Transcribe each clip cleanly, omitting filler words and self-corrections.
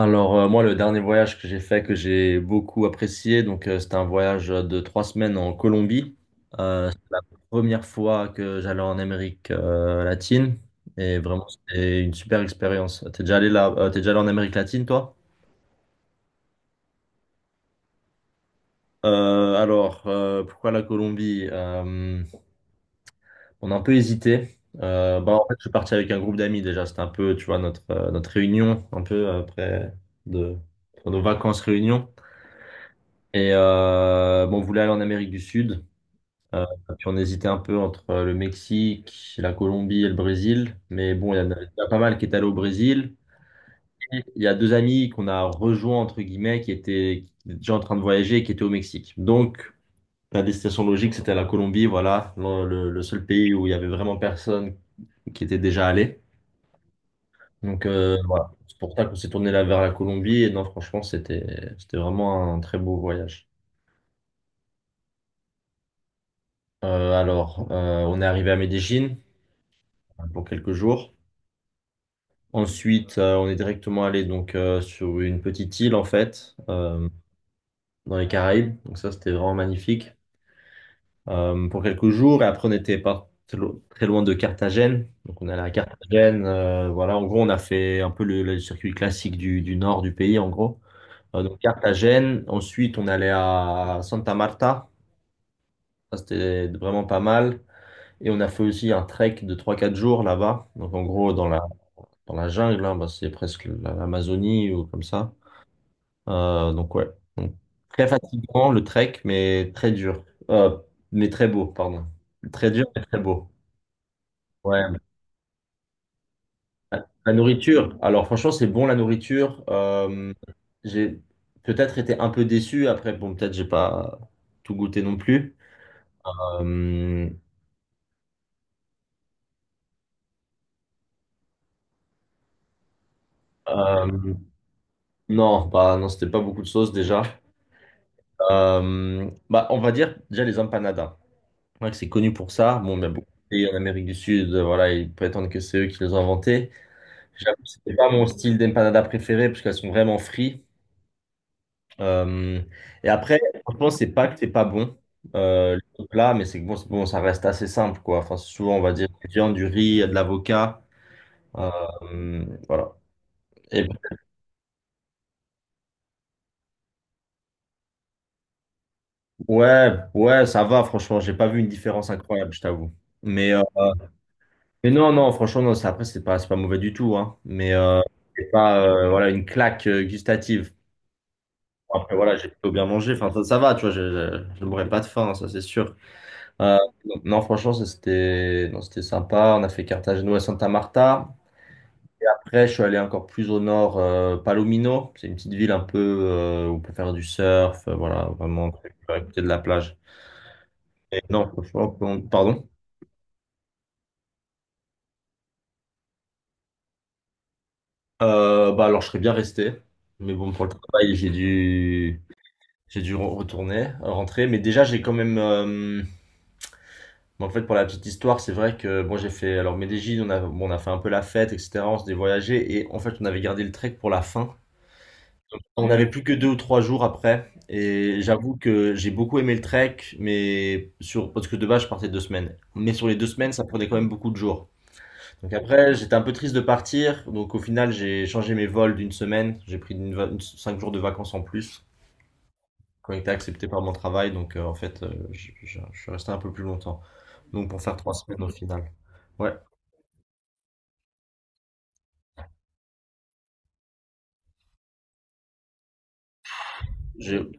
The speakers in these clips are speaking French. Alors, moi, le dernier voyage que j'ai fait, que j'ai beaucoup apprécié, donc c'était un voyage de 3 semaines en Colombie. C'était la première fois que j'allais en Amérique latine et vraiment, c'était une super expérience. T'es déjà allé là, t'es déjà allé en Amérique latine, toi? Alors, pourquoi la Colombie? On a un peu hésité. Bah, en fait, je suis parti avec un groupe d'amis déjà. C'était un peu, tu vois, notre réunion, un peu après de, pour nos vacances réunion. Et bon, on voulait aller en Amérique du Sud. Euh, Puis on hésitait un peu entre le Mexique, la Colombie et le Brésil. Mais bon, il y a pas mal qui est allé au Brésil. Et il y a deux amis qu'on a rejoints, entre guillemets, qui étaient déjà en train de voyager et qui étaient au Mexique. Donc, la destination logique, c'était la Colombie. Voilà, le seul pays où il y avait vraiment personne qui était déjà allé. Donc, voilà. C'est pour ça qu'on s'est tourné là vers la Colombie. Et non, franchement, c'était vraiment un très beau voyage. Alors, on est arrivé à Medellín pour quelques jours. Ensuite, on est directement allé donc sur une petite île en fait, dans les Caraïbes. Donc ça, c'était vraiment magnifique pour quelques jours. Et après, on n'était pas très loin de Carthagène. Donc on est allé à Carthagène. Voilà, en gros, on a fait un peu le circuit classique du nord du pays, en gros. Donc Carthagène. Ensuite, on est allé à Santa Marta. Ça, c'était vraiment pas mal. Et on a fait aussi un trek de trois quatre jours là-bas. Donc en gros, dans la jungle, hein, bah, c'est presque l'Amazonie ou comme ça. Euh, donc ouais, Donc, très fatigant le trek, mais très dur. Euh, mais très beau, pardon. Très dur, mais très beau. Ouais. La nourriture. Alors franchement, c'est bon la nourriture. J'ai peut-être été un peu déçu. Après, bon, peut-être j'ai pas tout goûté non plus. Euh, euh, non, bah non, c'était pas beaucoup de sauce déjà. Bah, on va dire déjà les empanadas. Ouais, c'est connu pour ça. Bon, il y a beaucoup de pays en Amérique du Sud, voilà, ils prétendent que c'est eux qui les ont inventés. J'avoue, c'était pas mon style d'empanada préféré parce qu'elles sont vraiment frites. Euh, et après, franchement, c'est pas que c'est pas bon, le plat, mais c'est que bon, c'est bon, ça reste assez simple, quoi. Enfin, c'est souvent, on va dire, du viande, du riz, de l'avocat. Voilà. Et ouais, ouais, ça va, franchement, j'ai pas vu une différence incroyable, je t'avoue. Mais, euh, Mais non, non, franchement, non, ça, après, c'est pas mauvais du tout, hein. Mais c'est pas voilà, une claque gustative. Après, voilà, j'ai plutôt bien mangé. Enfin, ça va, tu vois, je ne mourrais pas de faim, hein, ça, c'est sûr. Euh, non, franchement, ça, c'était non, c'était sympa. On a fait Cartagena et Santa Marta. Et après, je suis allé encore plus au nord, Palomino. C'est une petite ville un peu où on peut faire du surf, voilà, vraiment, à côté de la plage. Et non, franchement, pardon. Bah, alors, je serais bien resté. Mais bon, pour le travail, j'ai dû. J'ai dû retourner, rentrer, mais déjà j'ai quand même. En fait, pour la petite histoire, c'est vrai que bon, j'ai fait. Alors Medellin, bon, on a fait un peu la fête, etc. On s'est voyagé et en fait, on avait gardé le trek pour la fin. On n'avait plus que deux ou trois jours après et j'avoue que j'ai beaucoup aimé le trek, mais sur parce que de base, je partais 2 semaines. Mais sur les deux semaines, ça prenait quand même beaucoup de jours. Donc après, j'étais un peu triste de partir. Donc au final, j'ai changé mes vols d'une semaine. J'ai pris 5 jours de vacances en plus, qui ont été acceptés par mon travail. Donc, en fait, je suis resté un peu plus longtemps. Donc, pour faire trois semaines au final. Ouais, j'ai,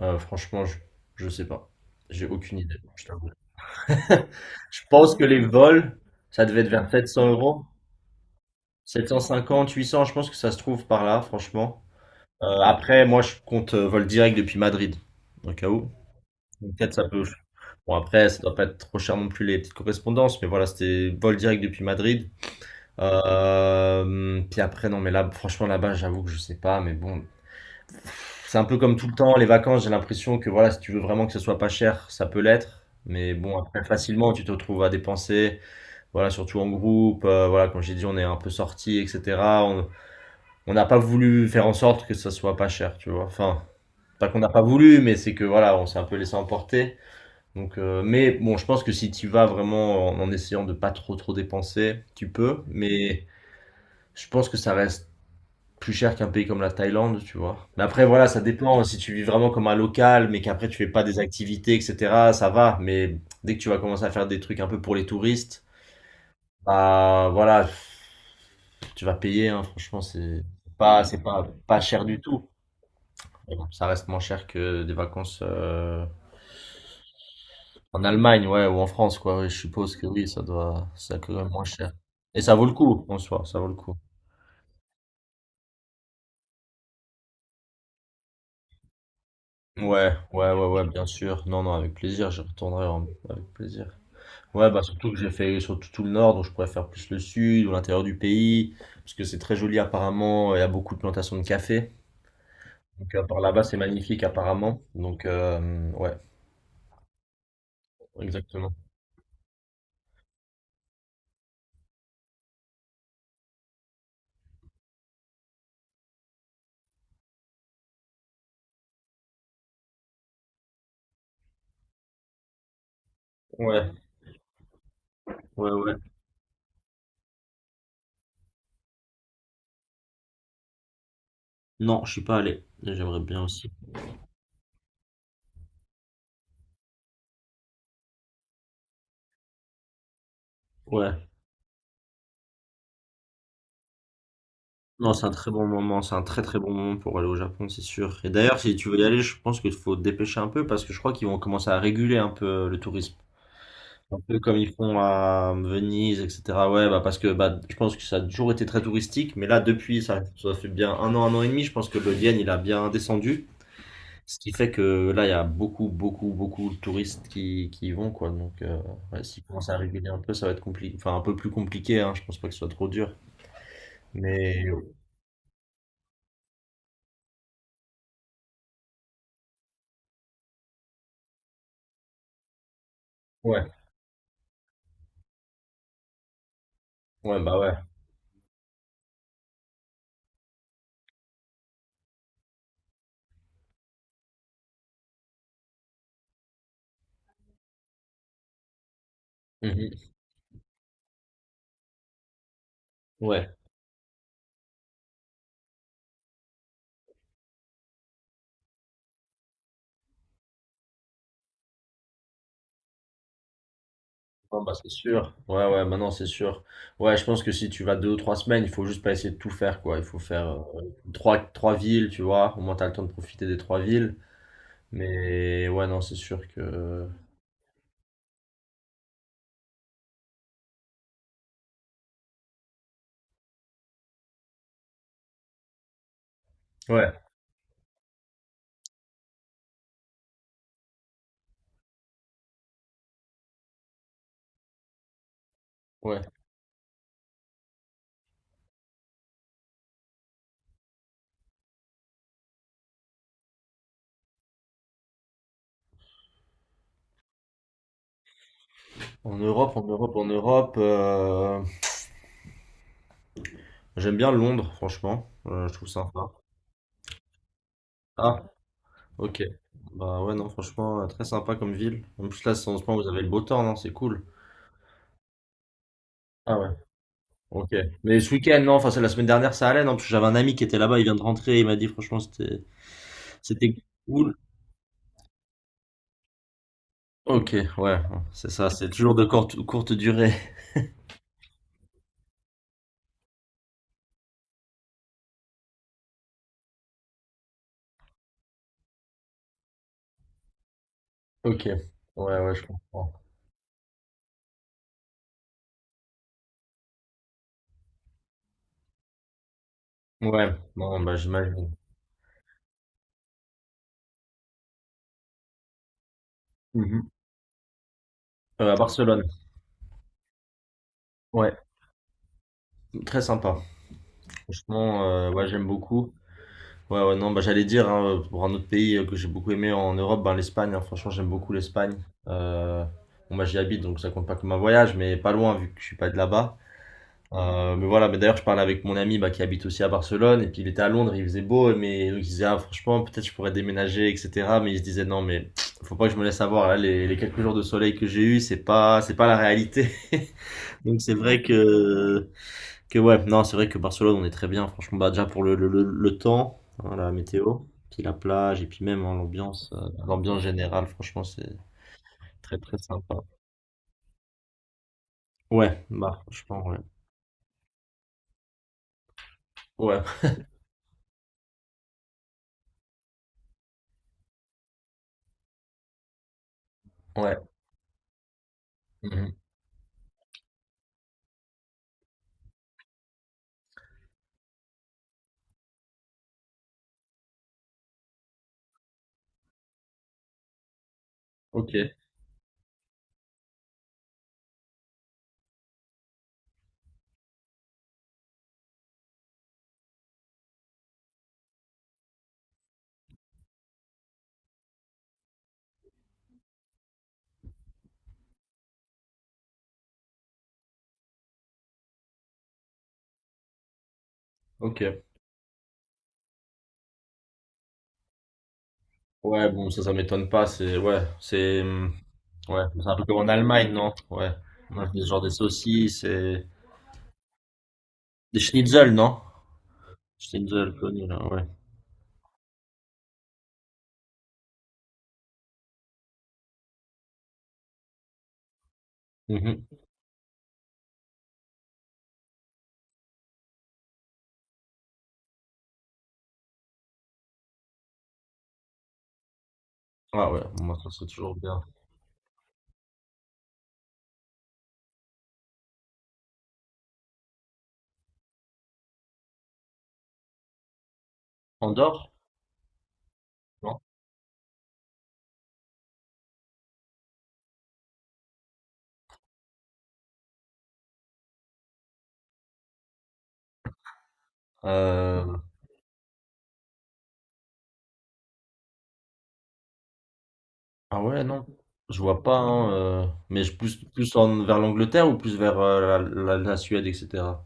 franchement, je sais pas. J'ai aucune idée. Je t'avoue. Je pense que les vols, ça devait être vers 700 euros. 750, 800, je pense que ça se trouve par là, franchement. Après, moi, je compte vol direct depuis Madrid, au cas où. Donc, peut-être ça peut. Bon, après, ça doit pas être trop cher non plus les petites correspondances, mais voilà, c'était vol direct depuis Madrid. Puis après, non, mais là, franchement, là-bas, j'avoue que je sais pas, mais bon, c'est un peu comme tout le temps, les vacances, j'ai l'impression que voilà, si tu veux vraiment que ce soit pas cher, ça peut l'être, mais bon, après, facilement, tu te retrouves à dépenser, voilà, surtout en groupe, voilà, comme j'ai dit, on est un peu sortis, etc. On on n'a pas voulu faire en sorte que ça soit pas cher, tu vois, enfin, pas qu'on n'a pas voulu, mais c'est que voilà, on s'est un peu laissé emporter. Donc, mais bon, je pense que si tu vas vraiment en essayant de pas trop trop dépenser, tu peux. Mais je pense que ça reste plus cher qu'un pays comme la Thaïlande, tu vois. Mais après, voilà, ça dépend. Si tu vis vraiment comme un local, mais qu'après tu fais pas des activités, etc., ça va. Mais dès que tu vas commencer à faire des trucs un peu pour les touristes, bah voilà, tu vas payer, hein. Franchement, c'est pas, pas cher du tout. Mais bon, ça reste moins cher que des vacances en Allemagne, ouais, ou en France, quoi. Ouais, je suppose que oui, ça doit, ça quand même moins cher. Et ça vaut le coup, en soi, ça vaut le coup. Ouais, ouais, ouais, ouais, bien sûr. Non, non, avec plaisir, je retournerai avec plaisir. Ouais, bah surtout que j'ai fait surtout tout le nord, donc je pourrais faire plus le sud ou l'intérieur du pays, parce que c'est très joli apparemment, il y a beaucoup de plantations de café. Donc par là-bas, c'est magnifique apparemment. Donc ouais, exactement. Ouais, ouais, ouais. Non, je suis pas allé, j'aimerais bien aussi. Ouais. Non, c'est un très bon moment, c'est un très très bon moment pour aller au Japon, c'est sûr. Et d'ailleurs, si tu veux y aller, je pense qu'il faut te dépêcher un peu, parce que je crois qu'ils vont commencer à réguler un peu le tourisme. Un peu comme ils font à Venise, etc. Ouais, bah parce que bah, je pense que ça a toujours été très touristique, mais là, depuis, ça fait bien un an et demi, je pense que le yen, il a bien descendu. Ce qui fait que là, il y a beaucoup, beaucoup, beaucoup de touristes qui y vont, quoi. Donc, ouais, s'ils commencent à réguler un peu, ça va être compliqué. Enfin, un peu plus compliqué, hein. Je pense pas que ce soit trop dur. Mais ouais, ouais, bah ouais. Mhm. Ouais. Non, bah, c'est sûr. Ouais, ouais, maintenant c'est sûr. Ouais, je pense que si tu vas deux ou trois semaines, il faut juste pas essayer de tout faire, quoi. Il faut faire euh, trois villes, tu vois. Au moins, t'as le temps de profiter des trois villes. Mais ouais, non, c'est sûr que. Ouais, ouais. En Europe, j'aime bien Londres, franchement. Je trouve sympa. Ah, ok. Bah ouais, non, franchement, très sympa comme ville. En plus, là, en ce moment, vous avez le beau temps, non? C'est cool. Ok. Mais ce week-end, non, enfin, c'est la semaine dernière, ça allait, non, parce que j'avais un ami qui était là-bas, il vient de rentrer, il m'a dit, franchement, c'était cool. Ok, ouais, c'est ça, c'est toujours de courte, courte durée. Ok. Ouais, ouais, je comprends. Ouais, non, bah, j'imagine. Mhm. À Barcelone. Ouais, très sympa. Franchement, ouais, j'aime beaucoup. Ouais, ouais, non, bah, j'allais dire, hein, pour un autre pays que j'ai beaucoup aimé en Europe, ben, l'Espagne, hein. Franchement, j'aime beaucoup l'Espagne. Euh, bon, bah, j'y habite, donc ça compte pas comme un voyage, mais pas loin, vu que je suis pas de là-bas. Mais voilà, mais d'ailleurs, je parlais avec mon ami bah, qui habite aussi à Barcelone, et puis il était à Londres, il faisait beau, mais donc, il disait, ah, franchement, peut-être je pourrais déménager, etc. Mais il se disait, non, mais faut pas que je me laisse avoir, là, les quelques jours de soleil que j'ai eu, c'est pas la réalité. Donc c'est vrai que ouais, non, c'est vrai que Barcelone, on est très bien, franchement, bah, déjà pour le temps, hein, la météo, puis la plage, et puis même hein, l'ambiance générale, franchement, c'est très très sympa. Ouais, bah, franchement, ouais. Ouais, ouais. Mhm. Ok, ok. Ouais, bon, ça m'étonne pas. C'est, ouais, c'est, ouais, c'est un peu comme en Allemagne, non? Ouais. Ouais, c'est genre des saucisses et des schnitzel, non? Schnitzel connu, là, ouais. Mhm. Ah ouais, moi, ça, c'est toujours bien. Andorre, non? Euh, ah ouais, non. Je vois pas, hein, mais plus, vers l'Angleterre ou plus vers la Suède, etc.